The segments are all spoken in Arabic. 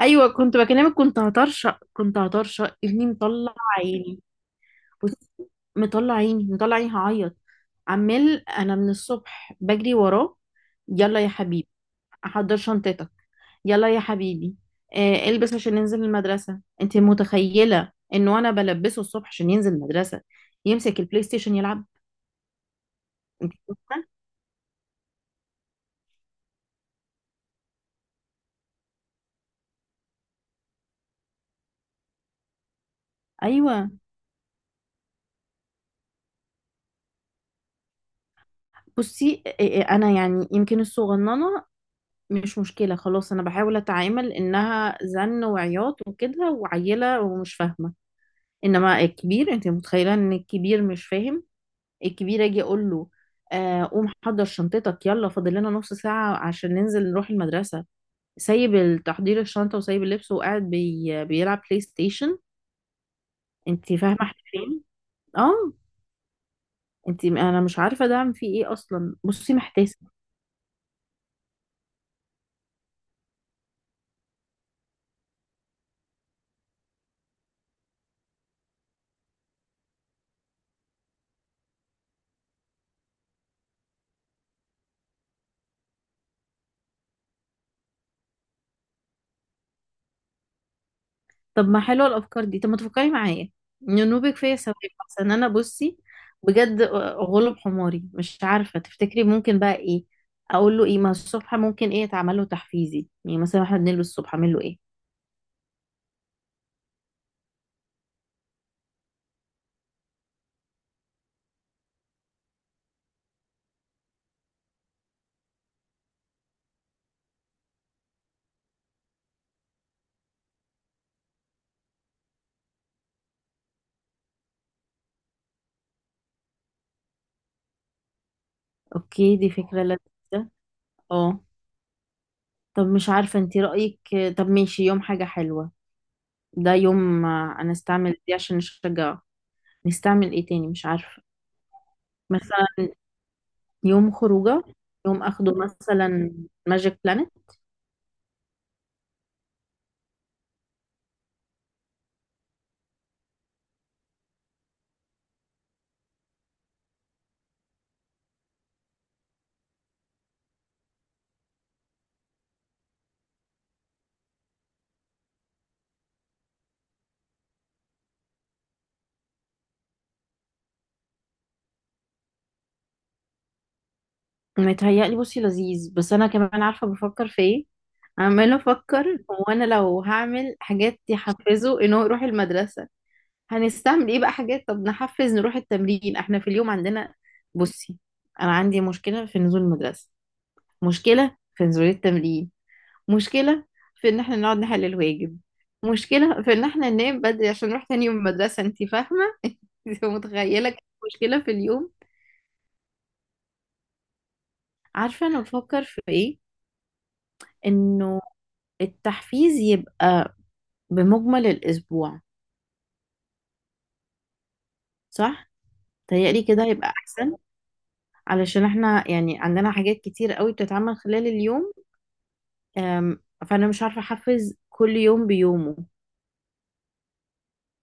ايوه، كنت بكلمك. كنت هطرشق، كنت هطرشق. ابني مطلع عيني. بص. مطلع عيني مطلع عيني، هعيط. عمال انا من الصبح بجري وراه. يلا يا حبيبي، احضر شنطتك. يلا يا حبيبي. البس عشان ننزل المدرسه. انت متخيله انه انا بلبسه الصبح عشان ينزل المدرسه؟ يمسك البلاي ستيشن يلعب. انت متخيلة؟ ايوه. بصي، انا يعني يمكن الصغننه، مش مشكلة. خلاص أنا بحاول أتعامل إنها زن وعياط وكده وعيلة ومش فاهمة. إنما الكبير، أنت متخيلة إن الكبير مش فاهم؟ الكبير أجي أقول له قوم حضر شنطتك يلا، فاضل لنا نص ساعة عشان ننزل نروح المدرسة. سايب تحضير الشنطة وسايب اللبس وقاعد بيلعب بلاي ستيشن. أنت فاهمة إحنا فين؟ آه. أنت، أنا مش عارفة ده عم فيه إيه أصلا. بصي محتاسة. طب ما حلوه الافكار دي، طب ما تفكري معايا. ننوبك فيا ثواب، احسن انا بصي بجد غلب حماري، مش عارفه. تفتكري ممكن بقى ايه اقول له؟ ايه ما الصبح ممكن ايه يتعمل له تحفيزي؟ يعني مثلا احنا بنلبس الصبح، اعمل له ايه؟ اوكي، دي فكره لذيذه. اه. طب مش عارفه، انت رايك؟ طب ماشي، يوم حاجه حلوه. ده يوم، انا استعمل دي عشان نشجعه. نستعمل ايه تاني؟ مش عارفه. مثلا يوم خروجه، يوم اخده مثلا ماجيك بلانت. متهيألي بصي لذيذ، بس انا كمان عارفه بفكر في ايه. عمال افكر، هو انا لو هعمل حاجات يحفزه ان هو يروح المدرسه، هنستعمل ايه بقى؟ حاجات، طب نحفز نروح التمرين احنا في اليوم عندنا. بصي، انا عندي مشكله في نزول المدرسه، مشكله في نزول التمرين، مشكله في ان احنا نقعد نحل الواجب، مشكله في ان احنا ننام بدري عشان نروح تاني يوم المدرسه. انت فاهمه؟ انت متخيله كم مشكله في اليوم؟ عارفه انا بفكر في ايه؟ انه التحفيز يبقى بمجمل الأسبوع. صح؟ تهيألي كده هيبقى أحسن. علشان احنا يعني عندنا حاجات كتير قوي بتتعمل خلال اليوم. أم، فأنا مش عارفة أحفز كل يوم بيومه.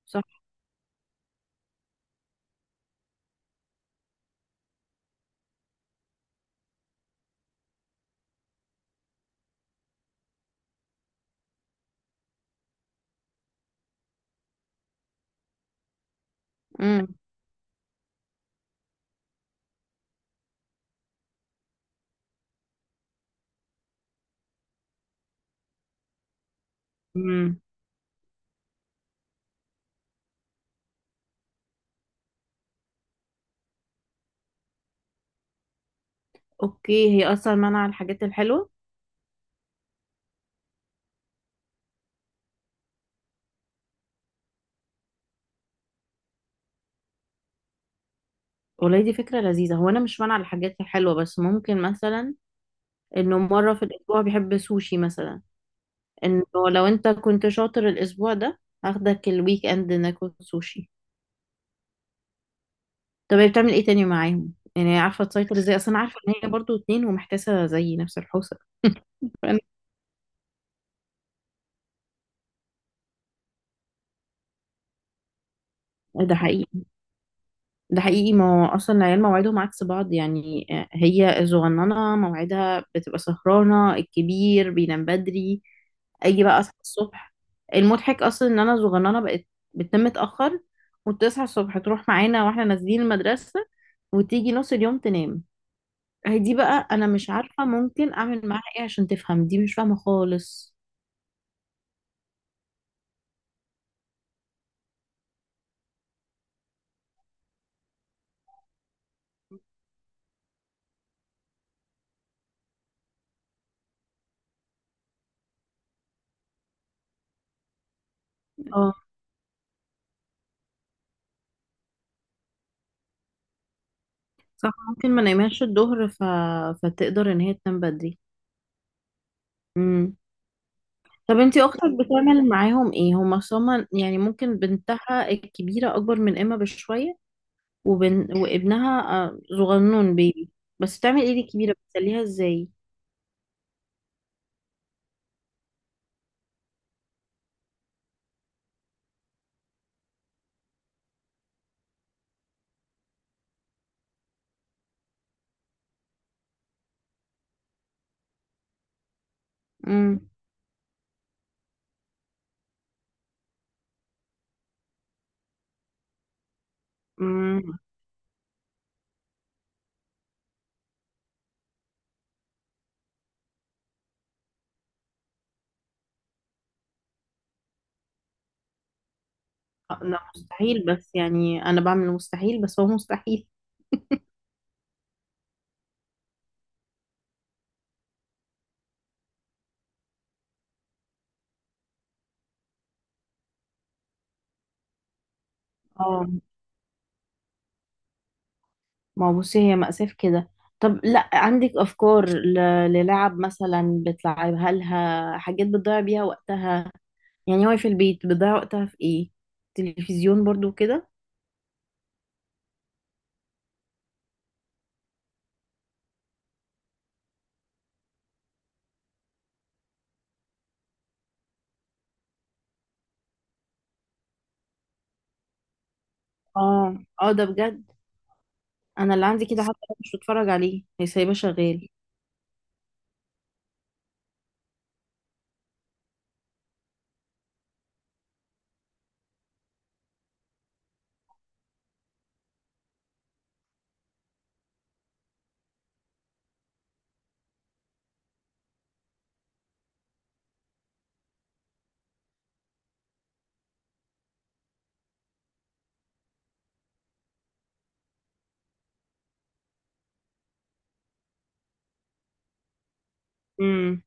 صح؟ امم. امم. أوكي، هي أصلا منع الحاجات الحلوة. والله دي فكرة لذيذة. هو أنا مش منع الحاجات الحلوة، بس ممكن مثلا إنه مرة في الأسبوع بيحب سوشي مثلا. إنه لو أنت كنت شاطر الأسبوع ده، هاخدك الويك إند ناكل سوشي. طب هي بتعمل ايه تاني معاهم يعني؟ هي عارفه تسيطر ازاي اصلا؟ عارفه ان هي برضو اتنين ومحتاسه زي نفس الحوسه. فأنا- ده حقيقي. ده حقيقي، ما هو اصلا العيال مواعيدهم عكس بعض، يعني هي الصغننه مواعيدها بتبقى سهرانه، الكبير بينام بدري. اجي بقى اصحى الصبح، المضحك اصلا ان انا صغننه بقت بتنام متاخر، وتصحى الصبح تروح معانا واحنا نازلين المدرسه، وتيجي نص اليوم تنام. هي دي بقى، انا مش عارفه ممكن اعمل معاها ايه عشان تفهم. دي مش فاهمه خالص. صح، ممكن ما نايمهاش الظهر فتقدر ان هي تنام بدري. امم. طب انتي اختك بتعمل معاهم ايه؟ هما صما يعني، ممكن بنتها الكبيره اكبر من اما بشويه، وابنها صغنون بيبي. بس بتعمل ايه دي الكبيره؟ بتسليها ازاي؟ امم. امم. لا مستحيل، بس يعني انا بعمل المستحيل، بس هو مستحيل. اه، ما هو بصي هي مأساة في كده. طب، لا عندك افكار للعب؟ مثلا بتلعبها لها حاجات بتضيع بيها وقتها، يعني هو في البيت بيضيع وقتها في ايه؟ تلفزيون برضو كده؟ اه، اه، ده بجد. انا اللي عندي كده، حتى لو مش بتفرج عليه هي سايباه شغال. امم.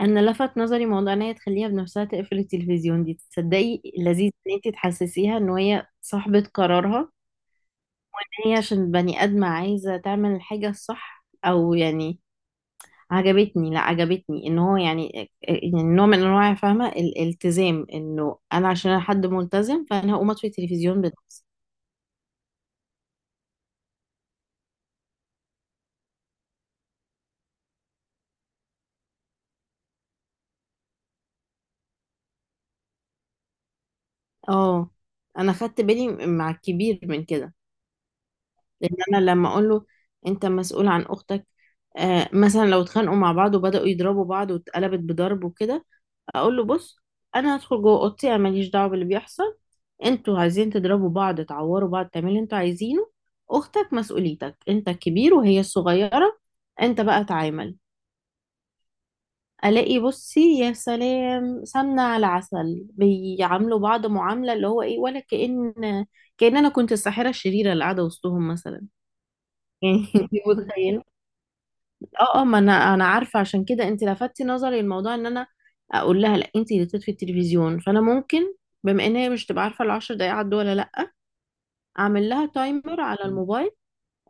انا لفت نظري موضوع ان هي تخليها بنفسها تقفل التلفزيون، دي تصدقي لذيذ ان انت تحسسيها ان هي صاحبة قرارها. هي عشان بني ادمة عايزة تعمل الحاجة الصح، او يعني عجبتني. لا، عجبتني ان هو يعني نوع من انواع، فاهمة، الالتزام، انه انا عشان انا حد ملتزم فانا هقوم اطفي التلفزيون بنفسي. اه، انا خدت بالي مع الكبير من كده، لان انا لما اقول له انت مسؤول عن اختك. مثلا لو اتخانقوا مع بعض وبداوا يضربوا بعض واتقلبت بضرب وكده، اقول له بص، انا هدخل جوه اوضتي، انا ماليش دعوه باللي بيحصل. انتوا عايزين تضربوا بعض، تعوروا بعض، تعملوا اللي انتوا عايزينه. اختك مسؤوليتك، انت الكبير وهي الصغيره، انت بقى تعامل. الاقي بصي يا سلام سمنه على عسل، بيعاملوا بعض معامله اللي هو ايه، ولا كأن، كأن انا كنت الساحره الشريره اللي قاعده وسطهم مثلا. يعني انت متخيله؟ اه، اه، ما انا عارفه. عشان كده انت لفتي نظري الموضوع ان انا اقول لها لا انت اللي تطفي التلفزيون، فانا ممكن بما ان هي مش تبقى عارفه العشر دقايق عدوا ولا لا، اعمل لها تايمر على الموبايل،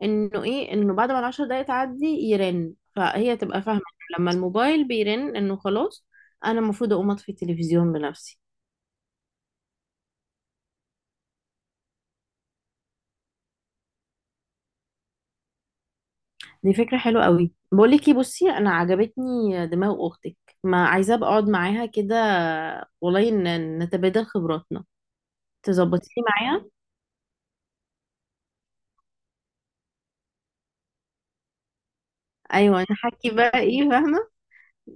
انه ايه، انه بعد ما العشر دقايق تعدي يرن، فهي تبقى فاهمة لما الموبايل بيرن انه خلاص انا المفروض اقوم اطفي التلفزيون بنفسي. دي فكرة حلوة قوي. بقول لك ايه بصي، انا عجبتني دماغ اختك، ما عايزة ابقى اقعد معاها كده، والله نتبادل خبراتنا، تظبطيني معايا. ايوه نحكي بقى ايه، فاهمة،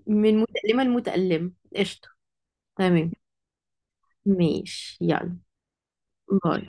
من متألمة لمتألم قشطة. تمام، ماشي يلا. باي.